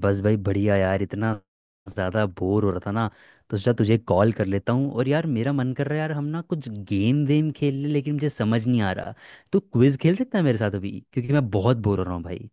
बस भाई बढ़िया यार। इतना ज़्यादा बोर हो रहा था ना, तो सोचा तुझे कॉल कर लेता हूँ। और यार मेरा मन कर रहा है यार, हम ना कुछ गेम वेम खेल लें, लेकिन मुझे समझ नहीं आ रहा। तो क्विज खेल सकता है मेरे साथ अभी, क्योंकि मैं बहुत बोर हो रहा हूँ भाई।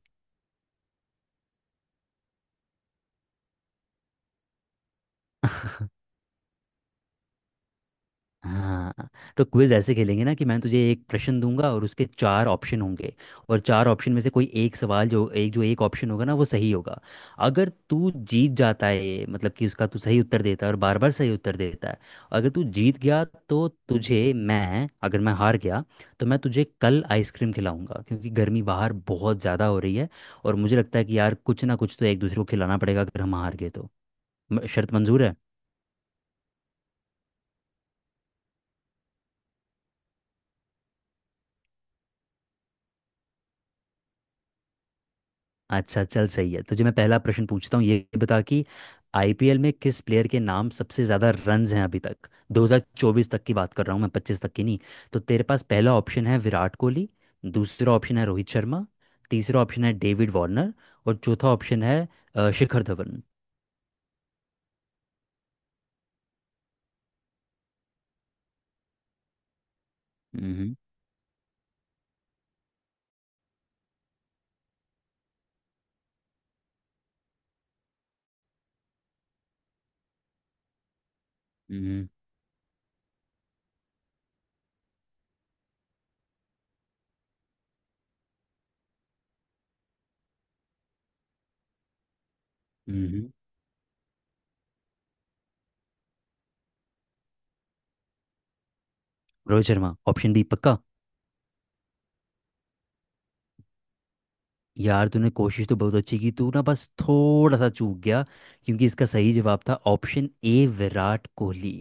हाँ, तो क्विज ऐसे खेलेंगे ना, कि मैं तुझे एक प्रश्न दूंगा और उसके चार ऑप्शन होंगे। और चार ऑप्शन में से कोई एक सवाल जो एक ऑप्शन होगा ना, वो सही होगा। अगर तू जीत जाता है ये, मतलब कि उसका तू सही उत्तर देता है और बार बार सही उत्तर देता है, अगर तू जीत गया, तो तुझे मैं, अगर मैं हार गया, तो मैं तुझे कल आइसक्रीम खिलाऊंगा, क्योंकि गर्मी बाहर बहुत ज़्यादा हो रही है। और मुझे लगता है कि यार कुछ ना कुछ तो एक दूसरे को खिलाना पड़ेगा, अगर हम हार गए तो। शर्त मंजूर है। अच्छा चल, सही है, तुझे मैं पहला प्रश्न पूछता हूँ। ये बता कि आईपीएल में किस प्लेयर के नाम सबसे ज़्यादा रन्स हैं अभी तक। 2024 तक की बात कर रहा हूँ मैं, 25 तक की नहीं। तो तेरे पास पहला ऑप्शन है विराट कोहली, दूसरा ऑप्शन है रोहित शर्मा, तीसरा ऑप्शन है डेविड वार्नर, और चौथा ऑप्शन है शिखर धवन। हम्म हम्म हम्म। रोहित शर्मा ऑप्शन बी पक्का। यार तूने कोशिश तो बहुत अच्छी की, तू ना बस थोड़ा सा चूक गया, क्योंकि इसका सही जवाब था ऑप्शन ए विराट कोहली।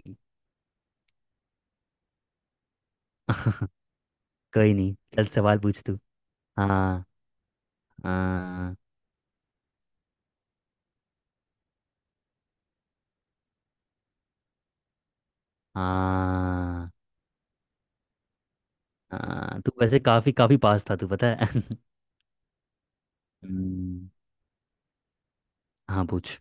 कोई नहीं, चल सवाल पूछ तू। हाँ हाँ हाँ। हाँ, तू वैसे काफी काफी पास था तू, पता है। हम्म। हाँ पूछ।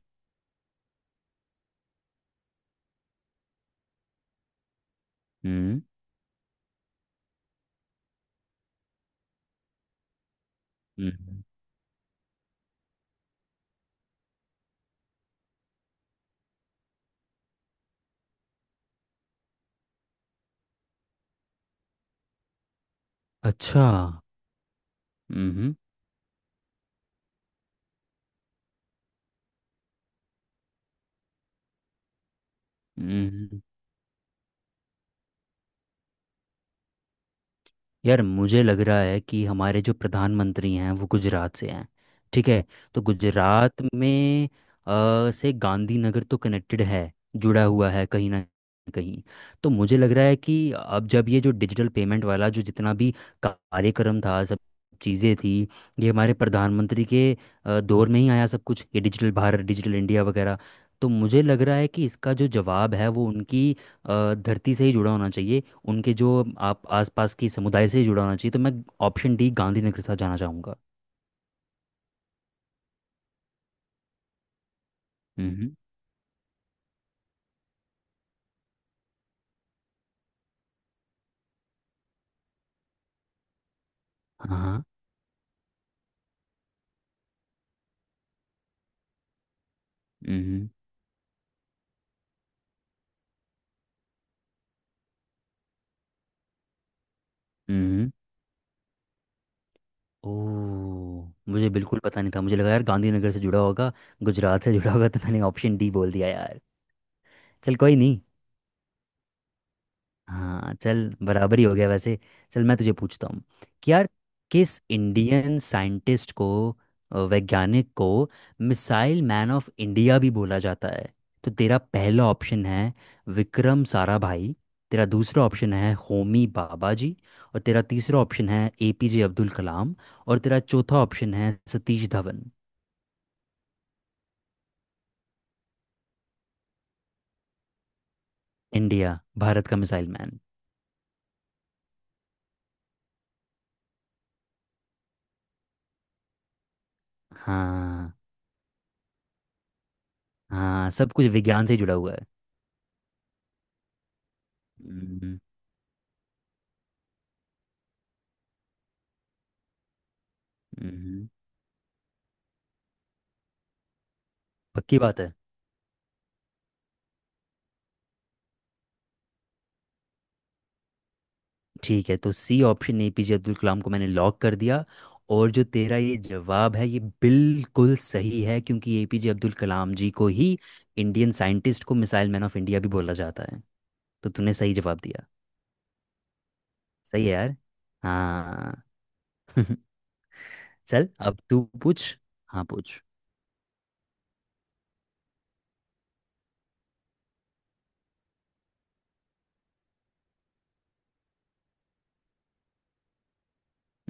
हम्म हम्म। अच्छा। हम्म हम्म। यार मुझे लग रहा है कि हमारे जो प्रधानमंत्री हैं वो गुजरात से हैं, ठीक है। तो गुजरात में से गांधीनगर तो कनेक्टेड है, जुड़ा हुआ है कहीं ना कहीं। तो मुझे लग रहा है कि अब जब ये जो डिजिटल पेमेंट वाला जो जितना भी कार्यक्रम था, सब चीज़ें थी, ये हमारे प्रधानमंत्री के दौर में ही आया सब कुछ, ये डिजिटल भारत डिजिटल इंडिया वगैरह। तो मुझे लग रहा है कि इसका जो जवाब है वो उनकी धरती से ही जुड़ा होना चाहिए। उनके जो आप आसपास की समुदाय से ही जुड़ा होना चाहिए, तो मैं ऑप्शन डी गांधीनगर के साथ जाना चाहूँगा। हम्म। हाँ हाँ। हम्म हम्म। ओ, मुझे बिल्कुल पता नहीं था, मुझे लगा यार गांधीनगर से जुड़ा होगा, गुजरात से जुड़ा होगा, तो मैंने ऑप्शन डी बोल दिया यार। चल कोई नहीं। हाँ चल बराबर ही हो गया वैसे। चल मैं तुझे पूछता हूँ, कि यार किस इंडियन साइंटिस्ट को, वैज्ञानिक को मिसाइल मैन ऑफ इंडिया भी बोला जाता है। तो तेरा पहला ऑप्शन है विक्रम साराभाई, तेरा दूसरा ऑप्शन है होमी बाबा जी, और तेरा तीसरा ऑप्शन है एपीजे अब्दुल कलाम, और तेरा चौथा ऑप्शन है सतीश धवन। इंडिया, भारत का मिसाइल मैन। हाँ हाँ, सब कुछ विज्ञान से जुड़ा हुआ है। हम्म, हम्म। पक्की बात है। ठीक है, तो C option APJ Abdul Kalam को मैंने लॉक कर दिया। और जो तेरा ये जवाब है ये बिल्कुल सही है, क्योंकि एपीजे अब्दुल कलाम जी को ही इंडियन साइंटिस्ट को मिसाइल मैन ऑफ इंडिया भी बोला जाता है। तो तूने सही जवाब दिया। सही है यार। हाँ। चल अब तू पूछ। हाँ पूछ।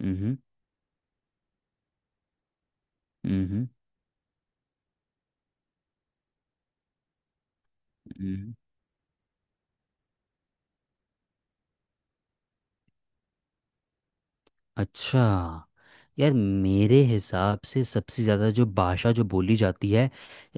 हम्म हम्म। हम्म। अच्छा। यार मेरे हिसाब से सबसे ज़्यादा जो भाषा जो बोली जाती है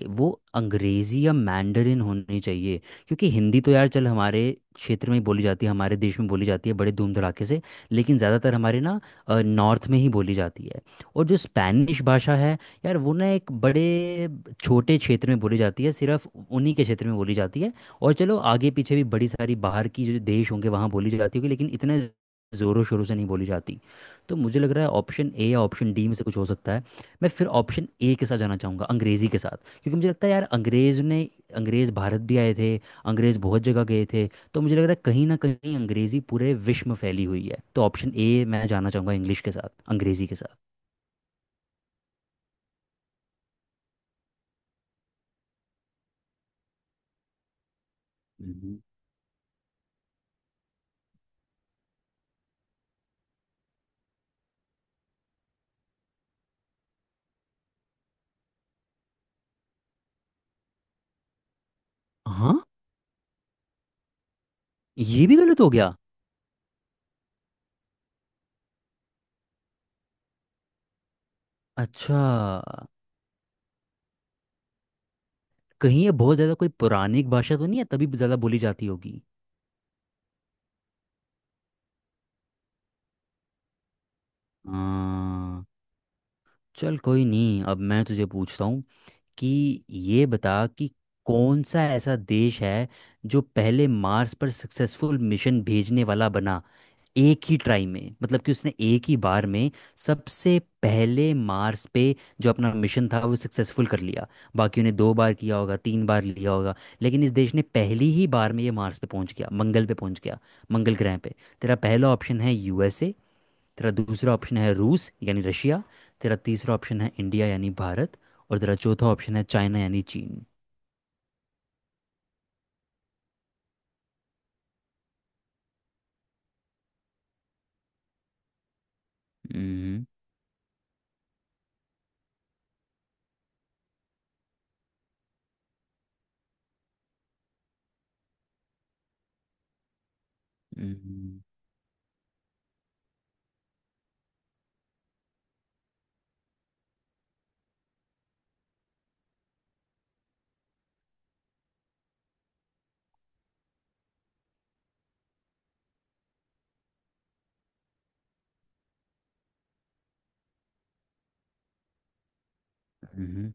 वो अंग्रेज़ी या मैंडरिन होनी चाहिए। क्योंकि हिंदी तो यार चल हमारे क्षेत्र में ही बोली जाती है, हमारे देश में बोली जाती है बड़े धूम धड़ाके से, लेकिन ज़्यादातर हमारे ना नॉर्थ में ही बोली जाती है। और जो स्पैनिश भाषा है यार वो ना एक बड़े छोटे क्षेत्र में बोली जाती है, सिर्फ उन्हीं के क्षेत्र में बोली जाती है। और चलो आगे पीछे भी बड़ी सारी बाहर की जो देश होंगे वहाँ बोली जाती होगी, लेकिन इतने ज़ोरों शोरों से नहीं बोली जाती। तो मुझे लग रहा है ऑप्शन ए या ऑप्शन डी में से कुछ हो सकता है। मैं फिर ऑप्शन ए के साथ जाना चाहूँगा, अंग्रेज़ी के साथ, क्योंकि मुझे लगता है यार अंग्रेज़ ने, अंग्रेज़ भारत भी आए थे, अंग्रेज़ बहुत जगह गए थे। तो मुझे लग रहा है कहीं ना कहीं अंग्रेज़ी पूरे विश्व में फैली हुई है, तो ऑप्शन ए मैं जाना चाहूँगा, इंग्लिश के साथ, अंग्रेज़ी के साथ। हम्म। हाँ, ये भी गलत हो गया। अच्छा, कहीं ये बहुत ज़्यादा कोई पौराणिक भाषा तो नहीं है तभी ज़्यादा बोली जाती होगी। हाँ, चल कोई नहीं, अब मैं तुझे पूछता हूँ कि ये बता कि कौन सा ऐसा देश है जो पहले मार्स पर सक्सेसफुल मिशन भेजने वाला बना एक ही ट्राई में, मतलब कि उसने एक ही बार में सबसे पहले मार्स पे जो अपना मिशन था वो सक्सेसफुल कर लिया। बाकियों ने दो बार किया होगा, तीन बार लिया होगा, लेकिन इस देश ने पहली ही बार में ये मार्स पे पहुंच गया, मंगल पे पहुंच गया, मंगल ग्रह पे। तेरा पहला ऑप्शन है यूएसए, तेरा दूसरा ऑप्शन है रूस यानी रशिया, तेरा तीसरा ऑप्शन है इंडिया यानी भारत, और तेरा चौथा ऑप्शन है चाइना यानी चीन। हम्म, हम्म, हम्म,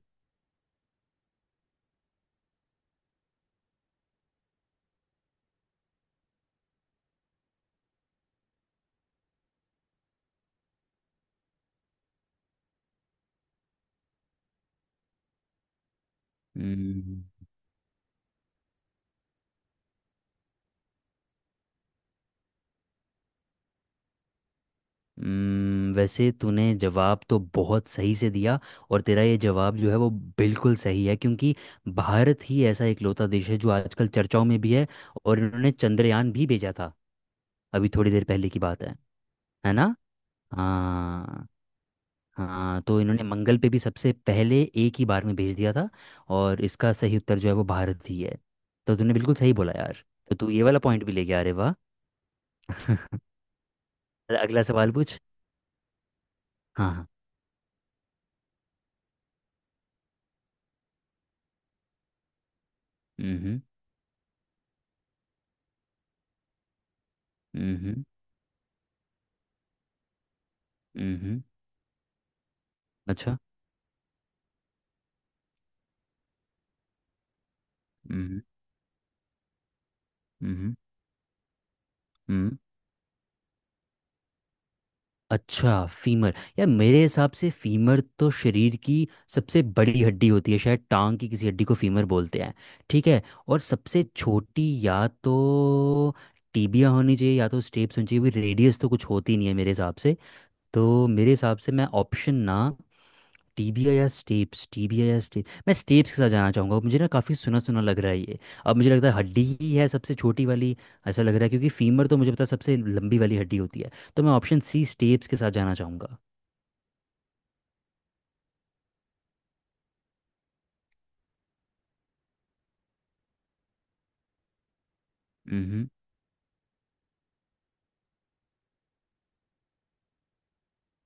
हम्म। वैसे तूने जवाब तो बहुत सही से दिया, और तेरा ये जवाब जो है वो बिल्कुल सही है, क्योंकि भारत ही ऐसा इकलौता देश है जो आजकल चर्चाओं में भी है, और इन्होंने चंद्रयान भी भेजा था, अभी थोड़ी देर पहले की बात है। है ना। हाँ। हाँ, तो इन्होंने मंगल पे भी सबसे पहले एक ही बार में भेज दिया था, और इसका सही उत्तर जो है वो भारत ही है। तो तूने बिल्कुल सही बोला यार। तो तू ये वाला पॉइंट भी लेके आ रहे, वाह। अरे, अगला सवाल पूछ। हाँ हाँ। हम्म हम्म हम्म हम्म। हम्म। अच्छा। हम्म हम्म हम्म। अच्छा, फीमर। यार मेरे हिसाब से फीमर तो शरीर की सबसे बड़ी हड्डी होती है, शायद टांग की किसी हड्डी को फीमर बोलते हैं, ठीक है। और सबसे छोटी या तो टीबिया होनी चाहिए या तो स्टेप्स होनी चाहिए, रेडियस तो कुछ होती नहीं है मेरे हिसाब से। तो मेरे हिसाब से मैं ऑप्शन ना, टीबिया या स्टेप्स, टीबिया या स्टेप, मैं स्टेप्स के साथ जाना चाहूँगा, मुझे ना काफ़ी सुना सुना लग रहा है ये। अब मुझे लगता है हड्डी ही है सबसे छोटी वाली ऐसा लग रहा है, क्योंकि फीमर तो मुझे पता है सबसे लंबी वाली हड्डी होती है, तो मैं ऑप्शन सी स्टेप्स के साथ जाना चाहूँगा। हम्म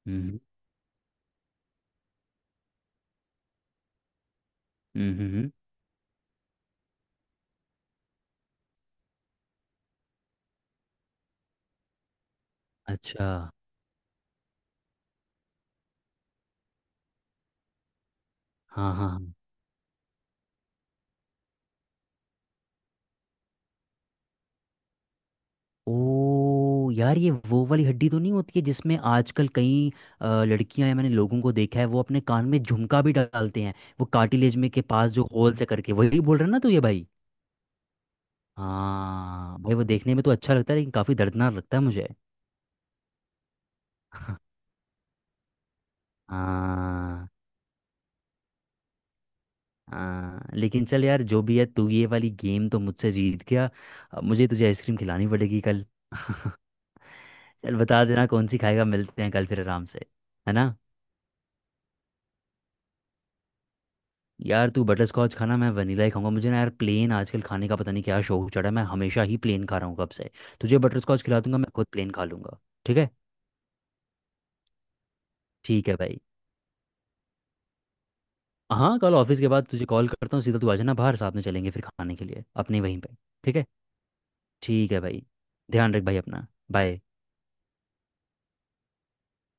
हम्म हम्म। अच्छा। हाँ हाँ हाँ। ओ यार, ये वो वाली हड्डी तो नहीं होती है जिसमें आजकल कई लड़कियां या मैंने लोगों को देखा है वो अपने कान में झुमका भी डालते हैं, वो कार्टिलेज में के पास जो होल से करके, वही बोल रहे हैं ना तो ये भाई। हाँ भाई, वो देखने में तो अच्छा लगता है लेकिन काफ़ी दर्दनाक लगता है मुझे। हाँ। हाँ लेकिन चल यार जो भी है, तू ये वाली गेम तो मुझसे जीत गया, अब मुझे तुझे आइसक्रीम खिलानी पड़ेगी कल। चल बता देना कौन सी खाएगा, मिलते हैं कल फिर आराम से। है ना। यार तू बटर स्कॉच खाना, मैं वनीला ही खाऊंगा, मुझे ना यार प्लेन आजकल खाने का पता नहीं क्या शौक चढ़ा है, मैं हमेशा ही प्लेन खा रहा हूँ कब से। तुझे बटर स्कॉच खिला दूंगा, मैं खुद प्लेन खा लूंगा। ठीक है। ठीक है भाई। हाँ कल ऑफिस के बाद तुझे कॉल करता हूँ सीधा, तू आ जाना बाहर, साथ में चलेंगे फिर खाने के लिए अपने वहीं पे। ठीक है। ठीक है भाई। ध्यान रख भाई अपना। बाय।